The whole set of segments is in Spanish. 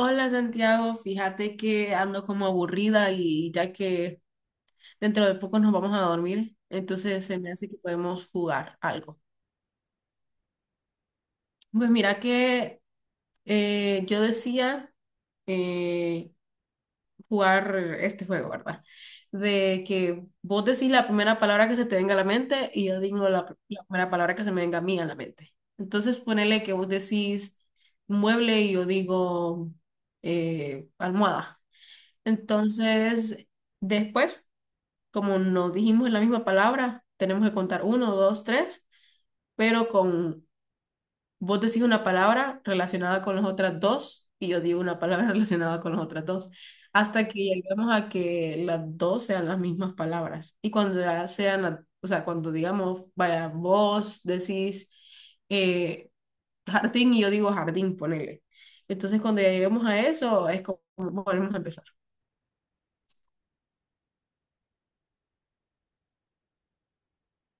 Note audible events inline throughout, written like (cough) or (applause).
Hola Santiago, fíjate que ando como aburrida y ya que dentro de poco nos vamos a dormir, entonces se me hace que podemos jugar algo. Pues mira que yo decía eh, jugar este juego, ¿verdad? De que vos decís la primera palabra que se te venga a la mente y yo digo la primera palabra que se me venga a mí a la mente. Entonces ponele que vos decís mueble y yo digo almohada. Entonces, después, como no dijimos la misma palabra, tenemos que contar uno, dos, tres, pero con vos decís una palabra relacionada con las otras dos y yo digo una palabra (laughs) relacionada con las otras dos, hasta que lleguemos a que las dos sean las mismas palabras. Y cuando ya sean, o sea, cuando digamos, vaya, vos decís eh, jardín y yo digo jardín, ponele. Entonces, cuando ya lleguemos a eso, es como volvemos a empezar.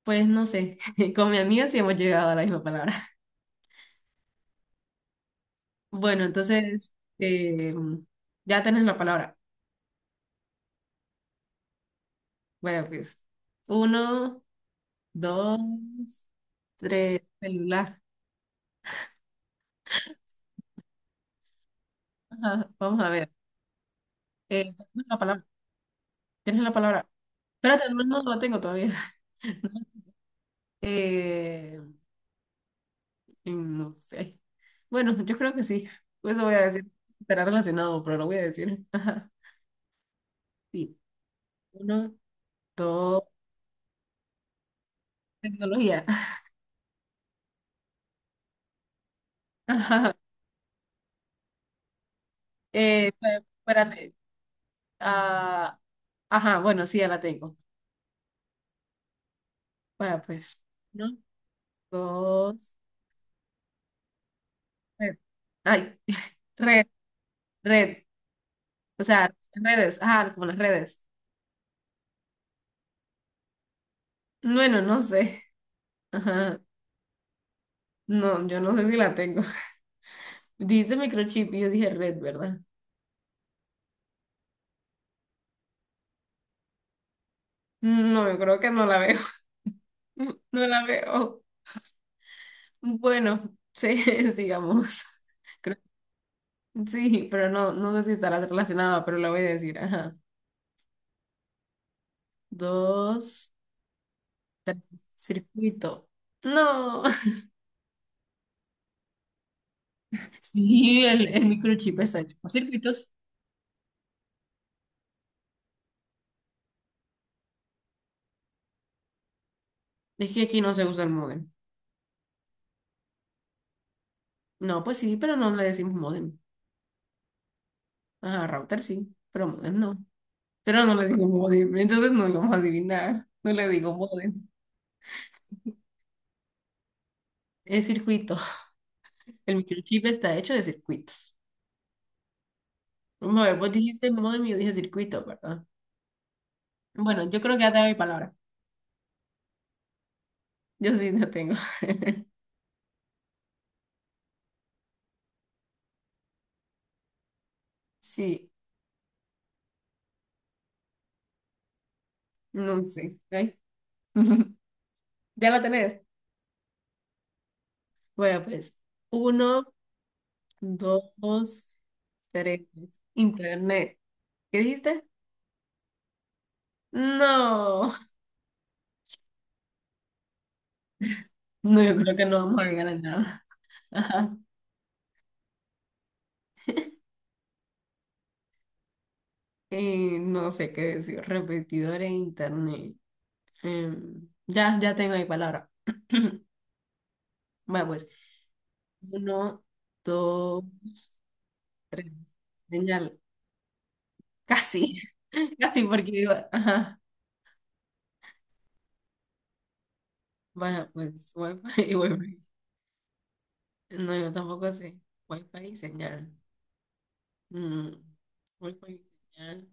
Pues no sé, (laughs) con mi amiga sí hemos llegado a la misma palabra. (laughs) Bueno, entonces, eh, ya tenés la palabra. Bueno, pues, uno, dos, tres, celular. Ajá, vamos a ver. ¿Tienes la palabra? ¿Tienes la palabra? Espérate, no, no la tengo todavía. (laughs) Eh, no sé. Bueno, yo creo que sí. Eso voy a decir. Estará relacionado, pero lo voy a decir. Ajá, sí. Uno, dos, tecnología. (laughs) Ajá. Espérate, ah, ajá, bueno, sí, ya la tengo. Vaya, pues. Uno, dos, red. Ay, (laughs) red, red. O sea, redes. Ajá, como las redes. Bueno, no sé. (laughs) Ajá. No, yo no sé si la tengo. (laughs) Dice microchip y yo dije red, ¿verdad? No, yo creo que no la veo. (laughs) No la veo. Bueno, sí, (laughs) sigamos. Creo- Sí, pero no, no sé si estará relacionada, pero la voy a decir. Ajá. Dos, circuito. No. (laughs) Sí, el microchip está hecho por circuitos. Es que aquí no se usa el módem. No, pues sí, pero no le decimos módem. Ajá, router sí, pero módem no. Pero no le digo módem, entonces no lo vamos a adivinar. No le digo módem. Es circuito. (laughs) El microchip está hecho de circuitos. Vamos a ver, vos dijiste módem y yo dije circuito, ¿verdad? Bueno, yo creo que ya te doy mi palabra. Yo sí la tengo. (laughs) Sí, no sé. Ay. (laughs) ¿Ya la tenés? Bueno, pues, uno, dos, tres. Internet. ¿Qué dijiste? No, (laughs) no, yo creo que no vamos a llegar a nada. (laughs) Ajá. No sé qué decir, repetidor e internet. Ya tengo mi palabra. (clears throat) Bueno, pues, uno, dos, tres. Señal, casi, (laughs) casi ajá. Bueno, pues, Wi-Fi y Wi-Fi. No, yo tampoco sé. Wifi y señal. Mm, fi y señal.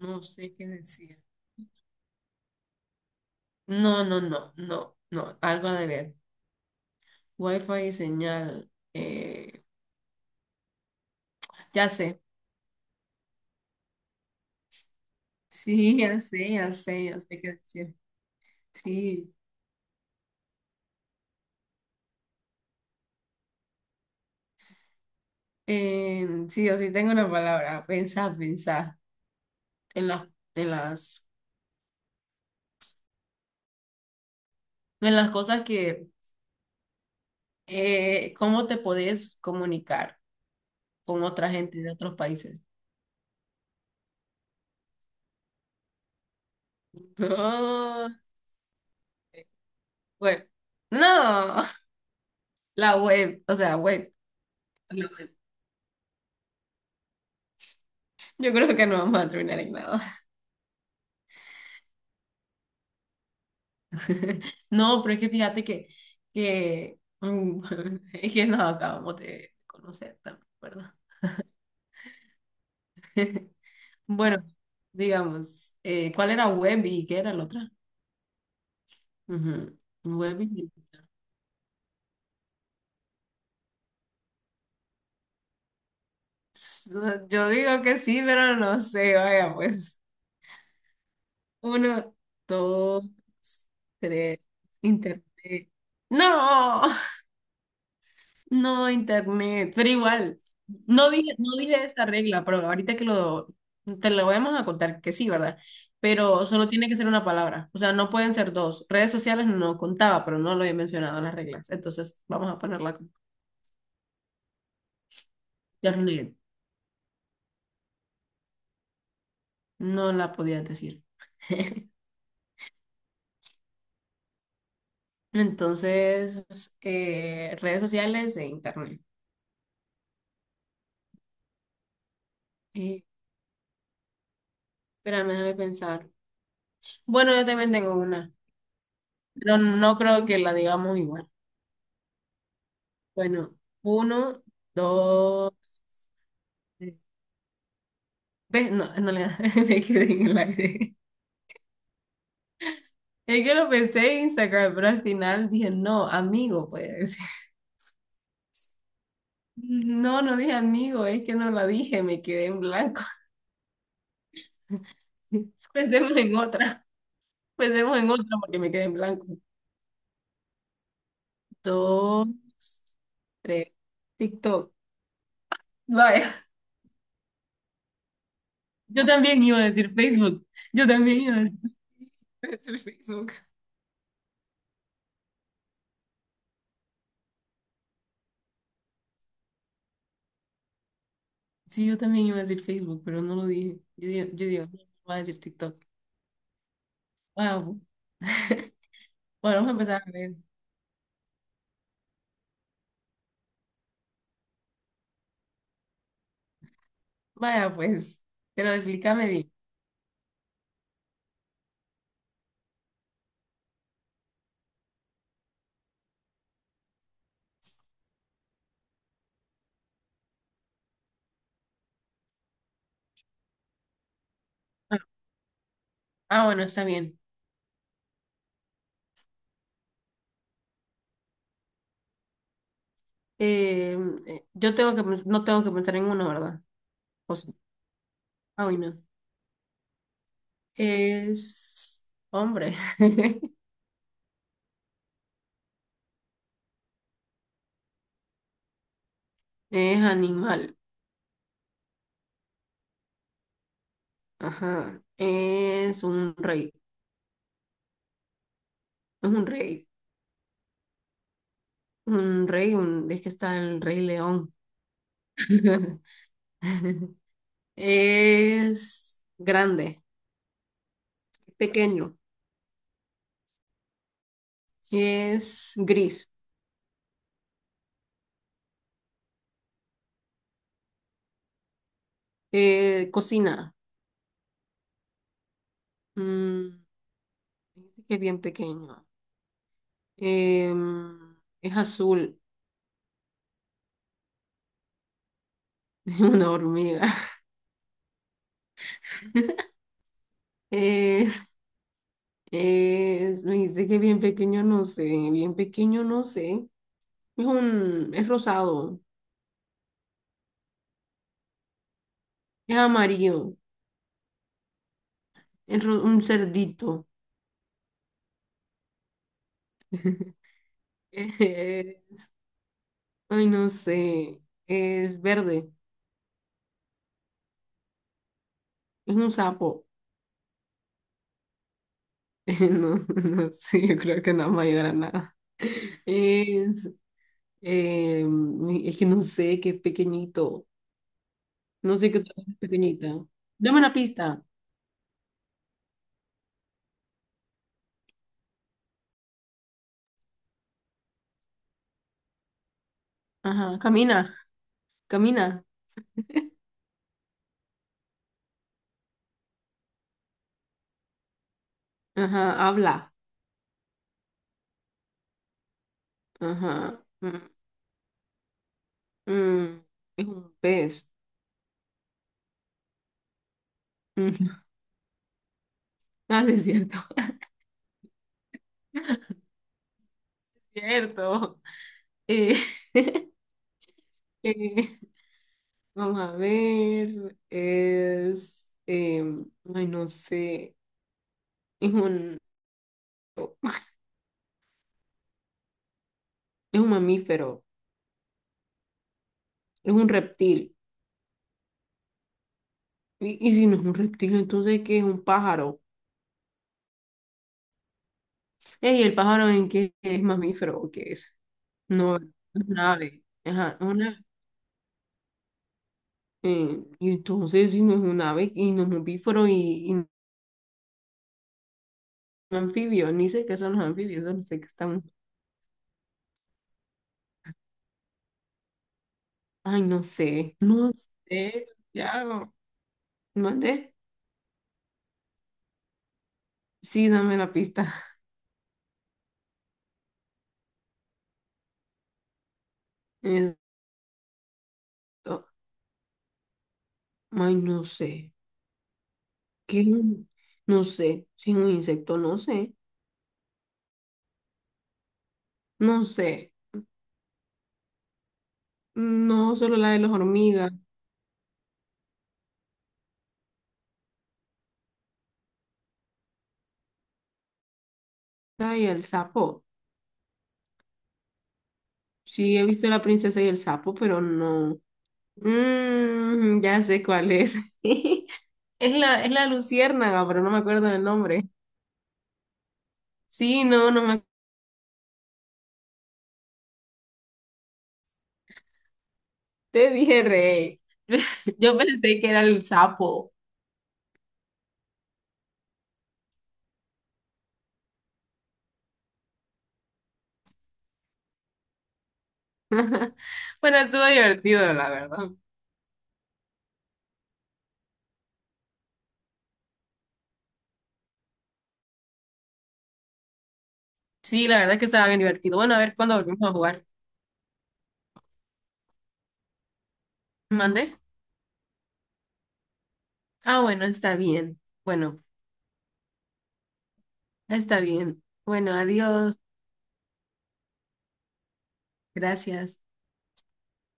No sé qué decir. No, no, no, no, no, algo de ver. Wi-Fi y señal. Ya sé. Sí, ya sé, ya sé, ya sé qué decir. Sí. Sí, yo sí tengo una palabra. Pensar, pensar en las, en las, en las cosas que, cómo te podés comunicar con otra gente de otros países. (laughs) No, web. No, (laughs) la web, o sea, web. La web. Yo creo que no vamos a terminar en nada. (laughs) No, pero es que fíjate que, (laughs) es que nos acabamos de conocer también, ¿verdad? Bueno, digamos, ¿cuál era Webby y qué era la otra? Ujú, Webby. No, yo digo que sí, pero no sé, vaya, pues. Uno, dos, tres, internet. ¡No! No, internet, pero igual, no dije esta regla, pero ahorita que te lo vamos a contar que sí, ¿verdad? Pero solo tiene que ser una palabra, o sea, no pueden ser dos. Redes sociales no contaba, pero no lo he mencionado en las reglas, entonces vamos a ponerla como internet. No la podía decir. (laughs) Entonces, redes sociales e internet. Eh, espérame, déjame pensar. Bueno, yo también tengo una, pero no creo que la digamos igual. Bueno, uno, dos. Ves no, en realidad (laughs) me quedé en el aire. Es que lo pensé en Instagram, pero al final dije, no, amigo, voy a decir. (laughs) No, no dije amigo, es que no la dije, me quedé en blanco. (laughs) Pensemos en otra, pensemos en otra porque me quedé en blanco. Dos, tres, TikTok. Vaya, yo también iba a decir Facebook. Yo también iba a decir Facebook. Sí, yo también iba a decir Facebook, pero no lo dije. Yo digo, no voy a decir TikTok. Wow. Bueno, vamos a empezar a ver. Vaya, pues, pero explícame bien. Ah, Ah, bueno, está bien. Eh, yo no tengo que pensar en uno, ¿verdad? O sí. Ah, bueno. Es hombre. (laughs) Es animal. Ajá. Es un rey. Es un rey. Un rey, un, es que está el rey león. (laughs) Es grande. Pequeño. Es gris. Cocina. Mm, que bien pequeño. Es azul, (laughs) es una hormiga. (laughs) Es, me dice que bien pequeño, no sé, bien pequeño, no sé. Es rosado, es amarillo, un cerdito. (laughs) Eh, ay, no sé, es verde, es un sapo. (laughs) No, no sé, yo creo que no vamos a llegar a nada. (laughs) Es, es que no sé, que es pequeñito. No sé qué otra cosa es pequeñita. Dame una pista. Ajá, camina, camina. Ajá, habla. Ajá. Mm, es un pez. Mm, (laughs) ah, sí, es cierto. (laughs) Cierto. Eh, eh, vamos a ver. Ay, no sé. Es un. Oh, es un mamífero. Es un reptil. Y si no es un reptil, entonces ¿qué es un pájaro? Ey, ¿el pájaro en qué es mamífero o qué es? No, es un ave. Ajá, una. Y entonces, si no es un ave, y no es un bíforo, y, no es un anfibio, ni sé qué son los anfibios, solo sé que están. Ay, no sé, (laughs) no sé, ya. ¿Mandé? Sí, dame la pista. (laughs) Esto. Ay, no sé. ¿Qué? No sé. Si es un insecto, no sé. No sé. No, solo la de las hormigas. Ay, el sapo. Sí, he visto la princesa y el sapo, pero no. Ya sé cuál es. (laughs) Es la luciérnaga, pero no me acuerdo del nombre. Sí, no, no me. Te dije rey. (laughs) Yo pensé que era el sapo. (laughs) Bueno, estuvo divertido, la verdad. Sí, la verdad es que estaba bien divertido. Bueno, a ver cuándo volvemos a jugar. Mande. Ah, bueno, está bien. Bueno, está bien. Bueno, adiós. Gracias.